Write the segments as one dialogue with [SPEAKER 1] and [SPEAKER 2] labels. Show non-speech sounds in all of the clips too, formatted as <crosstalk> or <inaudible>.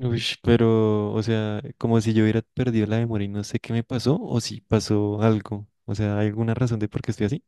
[SPEAKER 1] Uy, pero, o sea, como si yo hubiera perdido la memoria y no sé qué me pasó, o si pasó algo. O sea, ¿hay alguna razón de por qué estoy así?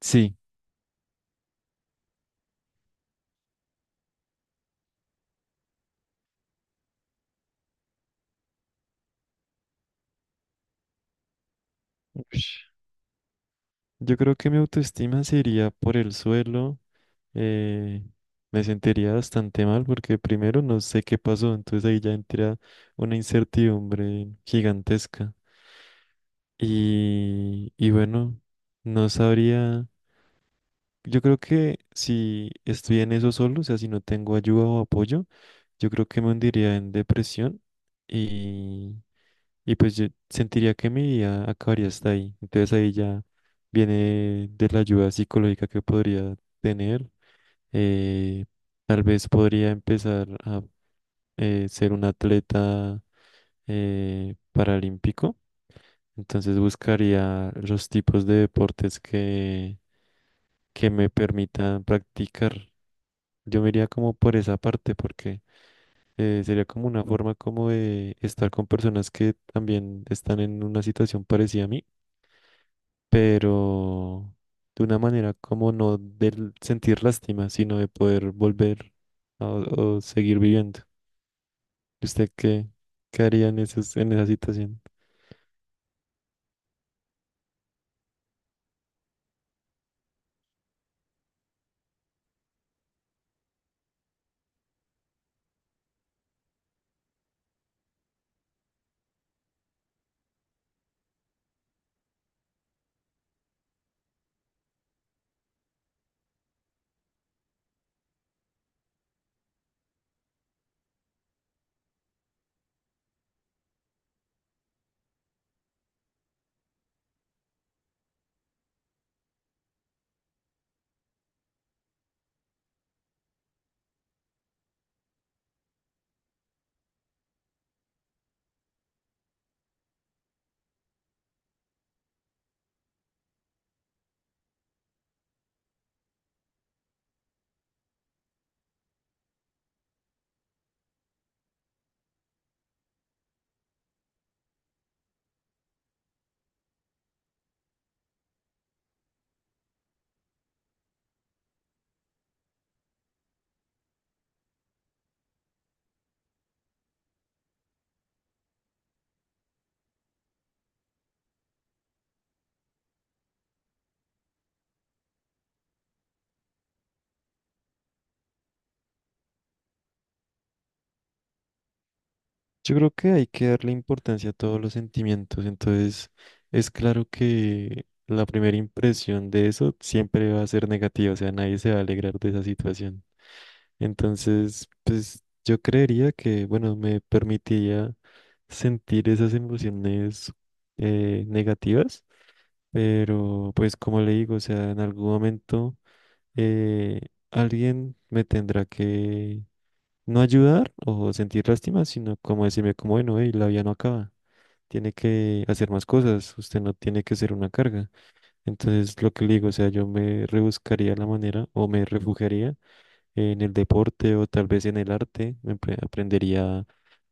[SPEAKER 1] Sí. Ush. Yo creo que mi autoestima se iría por el suelo. eh, Me sentiría bastante mal porque primero no sé qué pasó, entonces ahí ya entra una incertidumbre gigantesca. Y bueno, no sabría. Yo creo que si estoy en eso solo, o sea, si no tengo ayuda o apoyo, yo creo que me hundiría en depresión y, y pues yo sentiría que mi vida acabaría hasta ahí. Entonces ahí ya viene de la ayuda psicológica que podría tener. eh, Tal vez podría empezar a ser un atleta paralímpico. Entonces buscaría los tipos de deportes que me permitan practicar. Yo me iría como por esa parte porque sería como una forma como de estar con personas que también están en una situación parecida a mí, pero de una manera como no del sentir lástima, sino de poder volver o seguir viviendo. ¿Y usted qué, en esa situación? Yo creo que hay que darle importancia a todos los sentimientos, entonces es claro que la primera impresión de eso siempre va a ser negativa, o sea, nadie se va a alegrar de esa situación. Entonces, pues yo creería que, bueno, me permitiría sentir esas emociones negativas, pero pues como le digo, o sea, en algún momento eh, alguien me tendrá que no ayudar o sentir lástima, sino como decirme como, bueno, hey, la vida no acaba, tiene que hacer más cosas, usted no tiene que ser una carga. Entonces, lo que le digo, o sea, yo me rebuscaría la manera o me refugiaría en el deporte o tal vez en el arte. Aprendería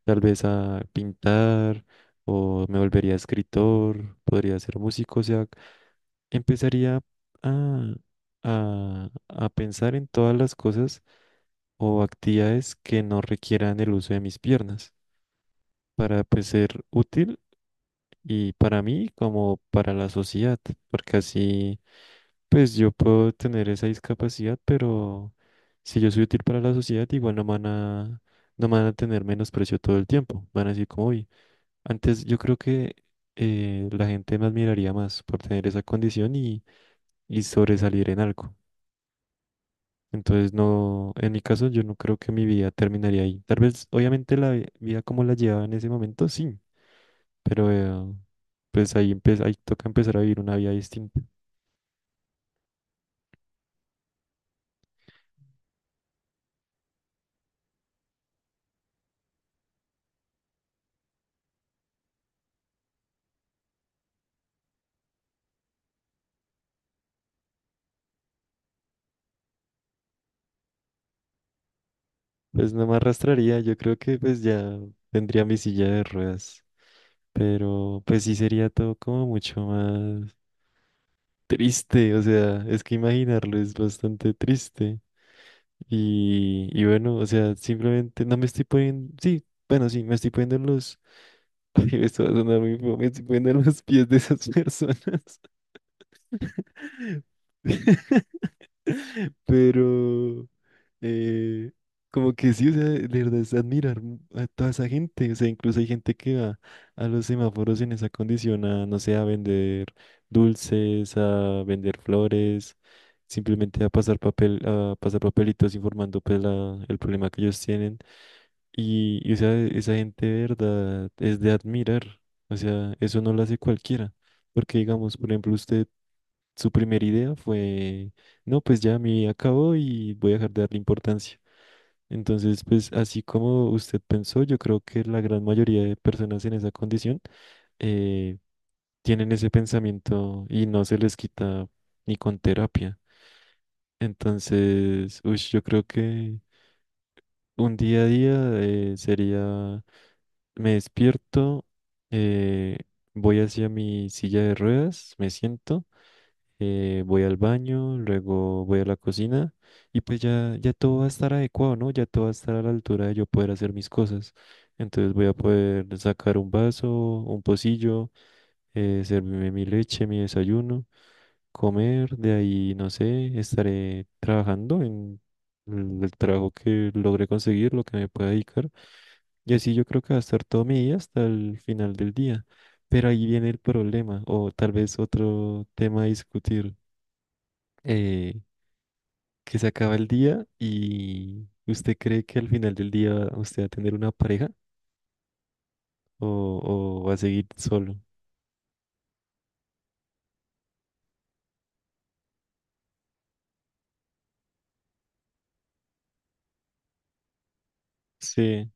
[SPEAKER 1] tal vez a pintar o me volvería escritor, podría ser músico, o sea, empezaría a, a pensar en todas las cosas o actividades que no requieran el uso de mis piernas para pues, ser útil y para mí como para la sociedad, porque así... Pues yo puedo tener esa discapacidad, pero si yo soy útil para la sociedad, igual no me van a, no me van a tener menosprecio todo el tiempo. Van a decir como, hoy. Antes yo creo que la gente me admiraría más por tener esa condición y sobresalir en algo. Entonces, no, en mi caso, yo no creo que mi vida terminaría ahí. Tal vez, obviamente, la vida como la llevaba en ese momento, sí, pero pues ahí, ahí toca empezar a vivir una vida distinta. Pues no me arrastraría, yo creo que pues ya tendría mi silla de ruedas, pero pues sí sería todo como mucho más triste, o sea, es que imaginarlo es bastante triste. Y bueno, o sea, simplemente no me estoy poniendo, sí, bueno, sí, me estoy poniendo en los, <laughs> ay, esto va a sonar muy feo, me estoy poniendo en los pies de esas personas. <laughs> <laughs> Pero, eh, como que sí, o sea, de verdad es admirar a toda esa gente. O sea, incluso hay gente que va a los semáforos en esa condición a, no sé, a vender dulces, a vender flores, simplemente a pasar papel, a pasar papelitos informando pues el problema que ellos tienen. Y, o sea, esa gente de verdad es de admirar. O sea, eso no lo hace cualquiera. Porque digamos, por ejemplo, usted su primera idea fue, no, pues ya mi vida acabó y voy a dejar de darle importancia. Entonces, pues así como usted pensó, yo creo que la gran mayoría de personas en esa condición eh, tienen ese pensamiento y no se les quita ni con terapia. Entonces, ush, yo creo que un día a día sería, me despierto, eh, voy hacia mi silla de ruedas, me siento. Voy al baño, luego voy a la cocina y pues ya, ya todo va a estar adecuado, ¿no? Ya todo va a estar a la altura de yo poder hacer mis cosas. Entonces voy a poder sacar un vaso, un pocillo, servirme mi leche, mi desayuno, comer, de ahí, no sé, estaré trabajando en el trabajo que logre conseguir, lo que me pueda dedicar. Y así yo creo que va a estar todo mi día hasta el final del día. Pero ahí viene el problema, o tal vez otro tema a discutir, eh, que se acaba el día y usted cree que al final del día usted va a tener una pareja o va a seguir solo. Sí,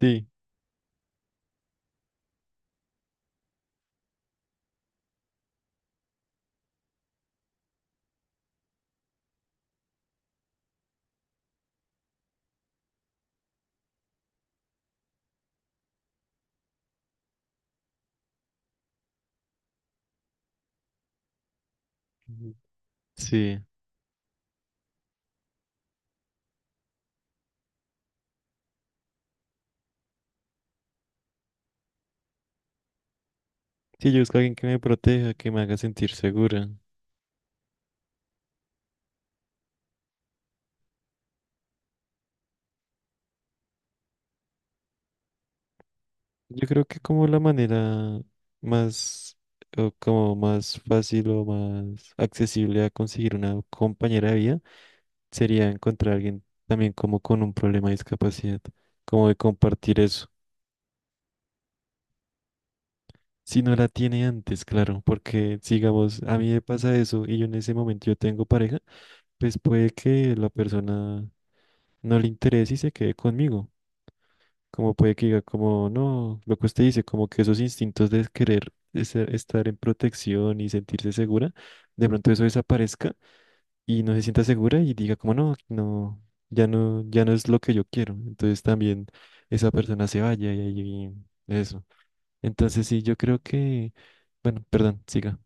[SPEAKER 1] sí. Ujú. Sí. Sí, yo busco a alguien que me proteja, que me haga sentir segura. Yo creo que como la manera más, o como más fácil o más accesible a conseguir una compañera de vida sería encontrar a alguien también como con un problema de discapacidad, como de compartir eso. Si no la tiene antes, claro, porque digamos, a mí me pasa eso y yo en ese momento yo tengo pareja, pues puede que la persona no le interese y se quede conmigo. Como puede que diga, como no, lo que usted dice, como que esos instintos de querer de estar en protección y sentirse segura, de pronto eso desaparezca y no se sienta segura y diga como no, aquí no, ya no, ya no es lo que yo quiero. Entonces también esa persona se vaya y ahí eso. Entonces sí, yo creo que, bueno, perdón, siga.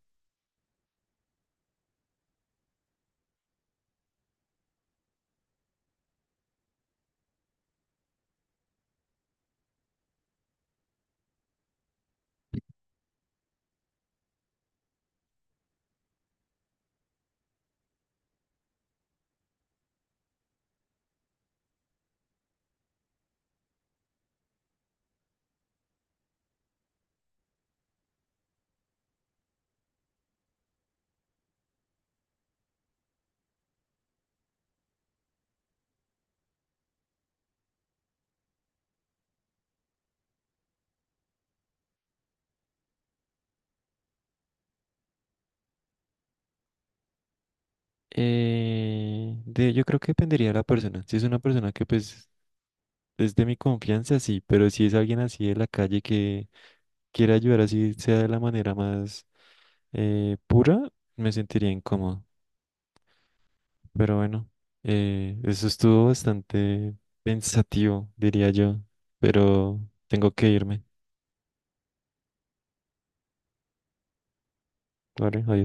[SPEAKER 1] De, yo creo que dependería de la persona. Si es una persona que pues es de mi confianza, sí, pero si es alguien así de la calle que quiere ayudar así sea de la manera más pura, me sentiría incómodo. Pero bueno, eso estuvo bastante pensativo, diría yo, pero tengo que irme, ¿vale? Adiós.